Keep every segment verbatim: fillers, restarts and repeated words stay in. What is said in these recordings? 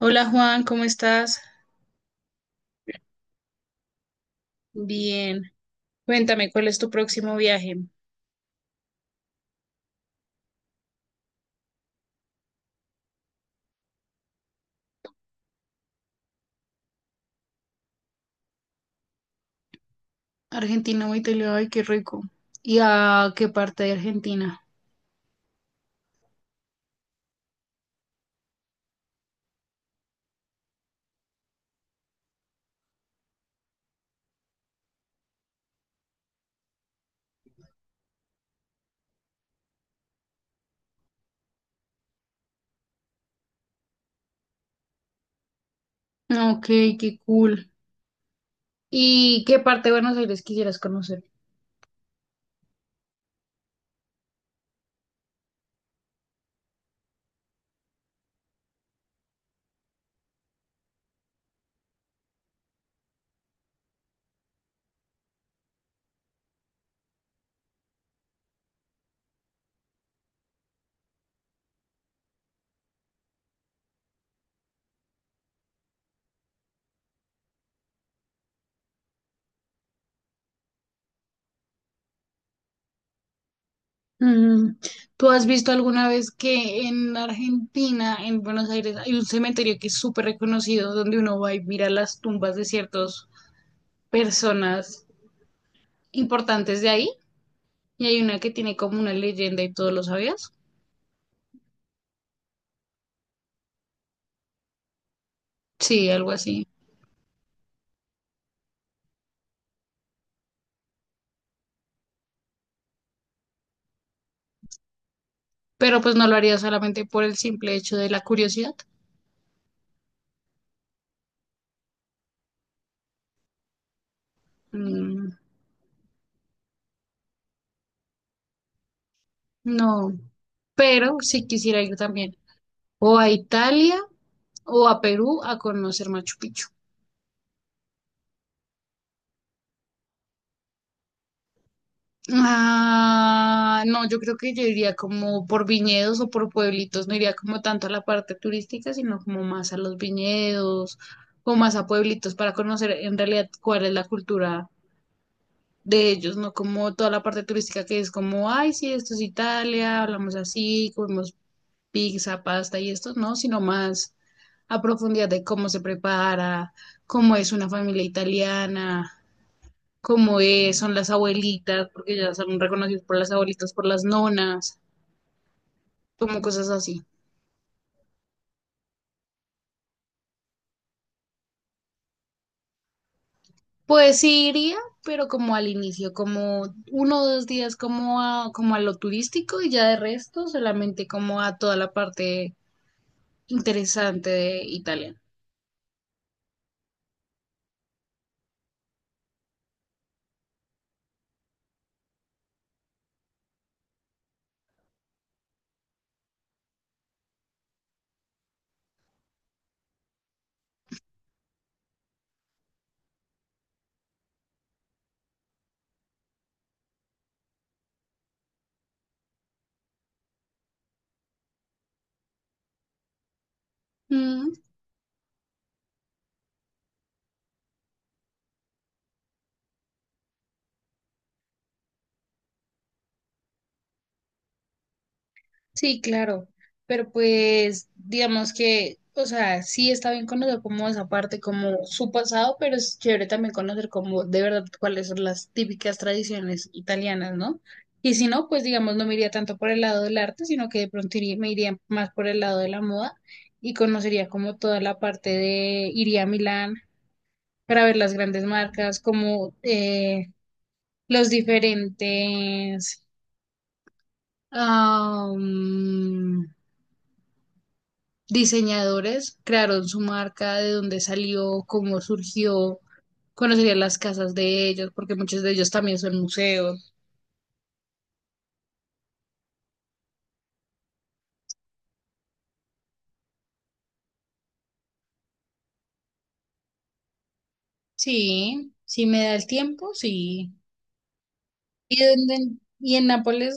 Hola Juan, ¿cómo estás? Bien. Cuéntame, ¿cuál es tu próximo viaje? Argentina, o Italia, ay, qué rico. ¿Y a qué parte de Argentina? Ah, Ok, qué cool. ¿Y qué parte de Buenos Aires quisieras conocer? Mm. ¿Tú has visto alguna vez que en Argentina, en Buenos Aires, hay un cementerio que es súper reconocido donde uno va y mira las tumbas de ciertas personas importantes de ahí? Y hay una que tiene como una leyenda y todo, ¿lo sabías? Sí, algo así. Pero pues no lo haría solamente por el simple hecho de la curiosidad. Mm, no, pero sí quisiera ir también o a Italia o a Perú a conocer Machu Picchu. Ah, no, yo creo que yo iría como por viñedos o por pueblitos, no iría como tanto a la parte turística, sino como más a los viñedos o más a pueblitos para conocer en realidad cuál es la cultura de ellos, no como toda la parte turística que es como, ay, sí, esto es Italia, hablamos así, comemos pizza, pasta y esto, no, sino más a profundidad de cómo se prepara, cómo es una familia italiana, cómo es, son las abuelitas, porque ya son reconocidos por las abuelitas, por las nonas, como cosas así. Pues sí iría, pero como al inicio, como uno o dos días como a, como a lo turístico y ya de resto solamente como a toda la parte interesante de Italia. Mm. Sí, claro, pero pues digamos que, o sea, sí está bien conocer como esa parte, como su pasado, pero es chévere también conocer como de verdad cuáles son las típicas tradiciones italianas, ¿no? Y si no, pues digamos, no me iría tanto por el lado del arte, sino que de pronto iría- me iría más por el lado de la moda y conocería como toda la parte de, iría a Milán para ver las grandes marcas, como eh, los diferentes... ah, diseñadores crearon su marca, de dónde salió, cómo surgió, conocería las casas de ellos, porque muchos de ellos también son museos. Sí, si me da el tiempo, sí. ¿Y dónde, y en Nápoles,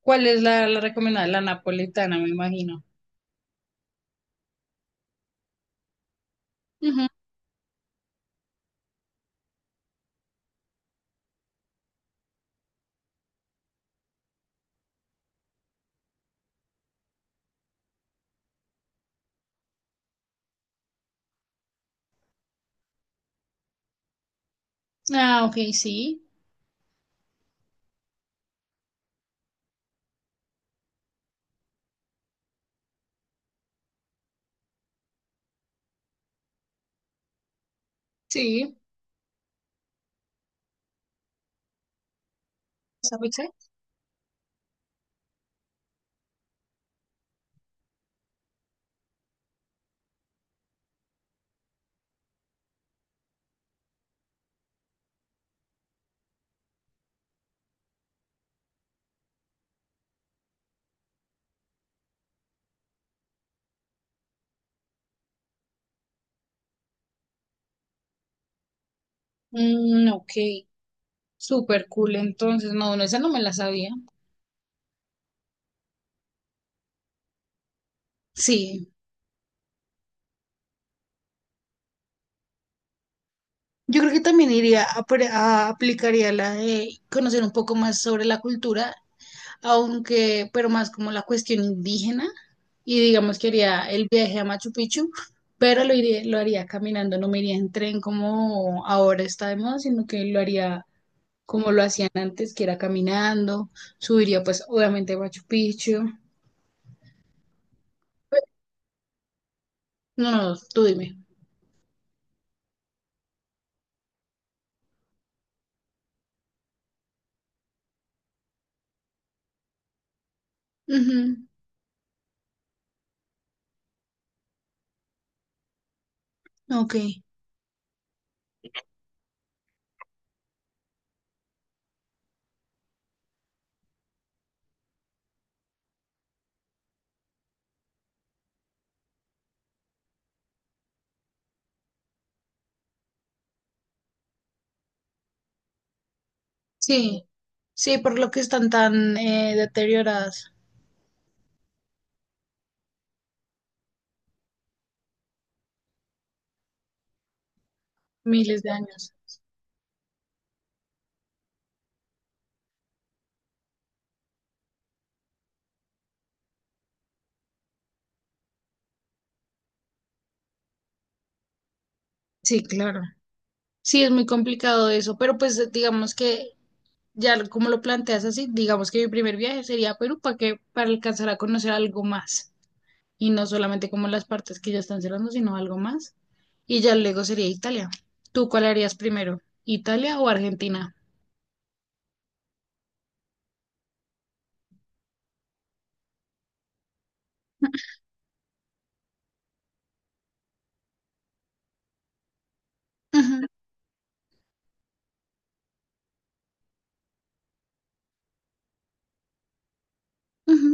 cuál es la, la recomendada? La napolitana, me imagino. Ujú. Ah, ok, sí, sí. ¿Sabes qué? Mm, ok, súper cool, entonces, no, no, esa no me la sabía. Sí. Yo creo que también iría a, pre- a- aplicaría la de conocer un poco más sobre la cultura, aunque, pero más como la cuestión indígena, y digamos que haría el viaje a Machu Picchu, pero lo iría, lo haría caminando, no me iría en tren como ahora está de moda, sino que lo haría como lo hacían antes, que era caminando, subiría pues obviamente a Machu Picchu. No, no, tú dime. Ujú. Ok, sí, sí, por lo que están tan eh, deterioradas miles de años. Sí, claro. Sí, es muy complicado eso, pero pues digamos que ya como lo planteas así, digamos que mi primer viaje sería a Perú para que para alcanzar a conocer algo más y no solamente como las partes que ya están cerrando, sino algo más. Y ya luego sería Italia. ¿Tú cuál harías primero? ¿Italia o Argentina? Ujú, ujú.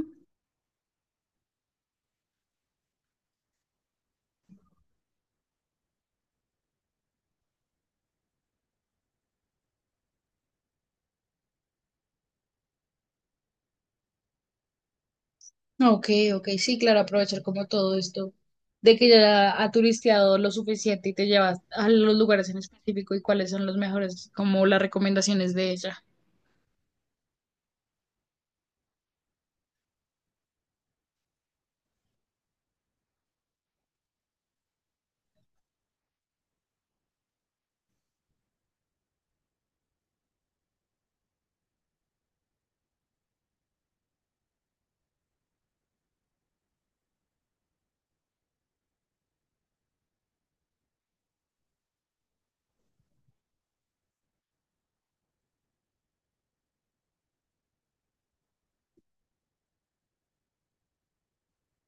Ok, ok, sí, claro, aprovechar como todo esto de que ya ha turisteado lo suficiente y te llevas a los lugares en específico y cuáles son los mejores, como las recomendaciones de ella.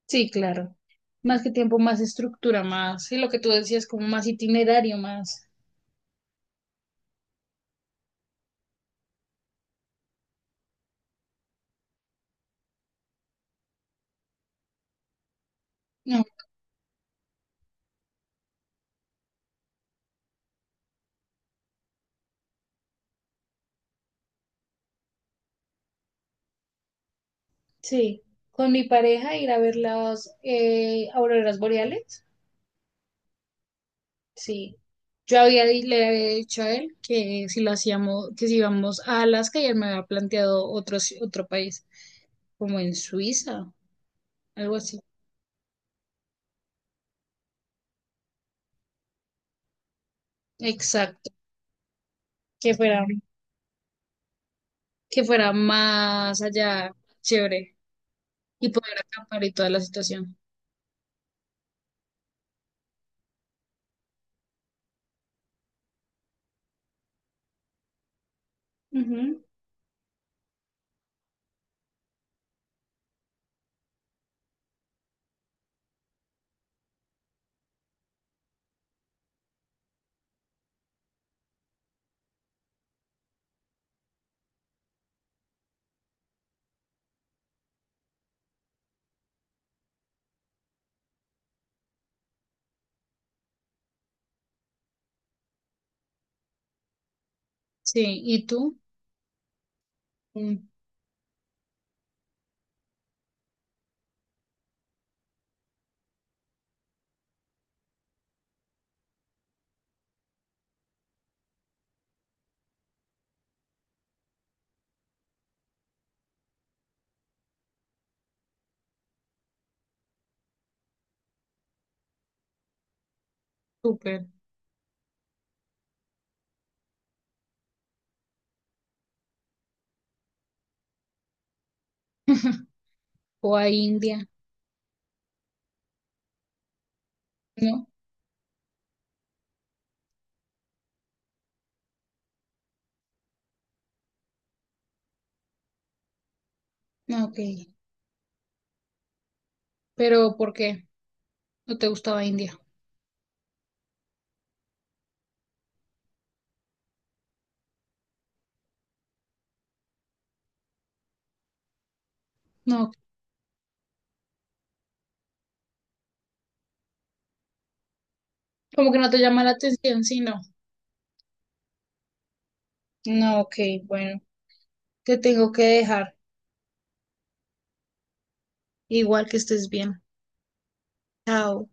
Sí, claro. Más que tiempo, más estructura, más, y lo que tú decías, como más itinerario, más. No, sí. Con mi pareja ir a ver las eh, auroras boreales. Sí. Yo había, di- le había dicho a él que si lo hacíamos, que si íbamos a Alaska y él me había planteado otro, ci- otro país, como en Suiza, algo así. Exacto. Que fuera, que fuera más allá, chévere. Y poder acampar y toda la situación. Ujú. Sí. ¿Y tú? Mm. Súper. O a India. No, no, ok. Pero ¿por qué no te gustaba India? No, ok. Como que no te llama la atención, sí, no. No, ok, bueno. Te tengo que dejar. Igual que estés bien. Chao.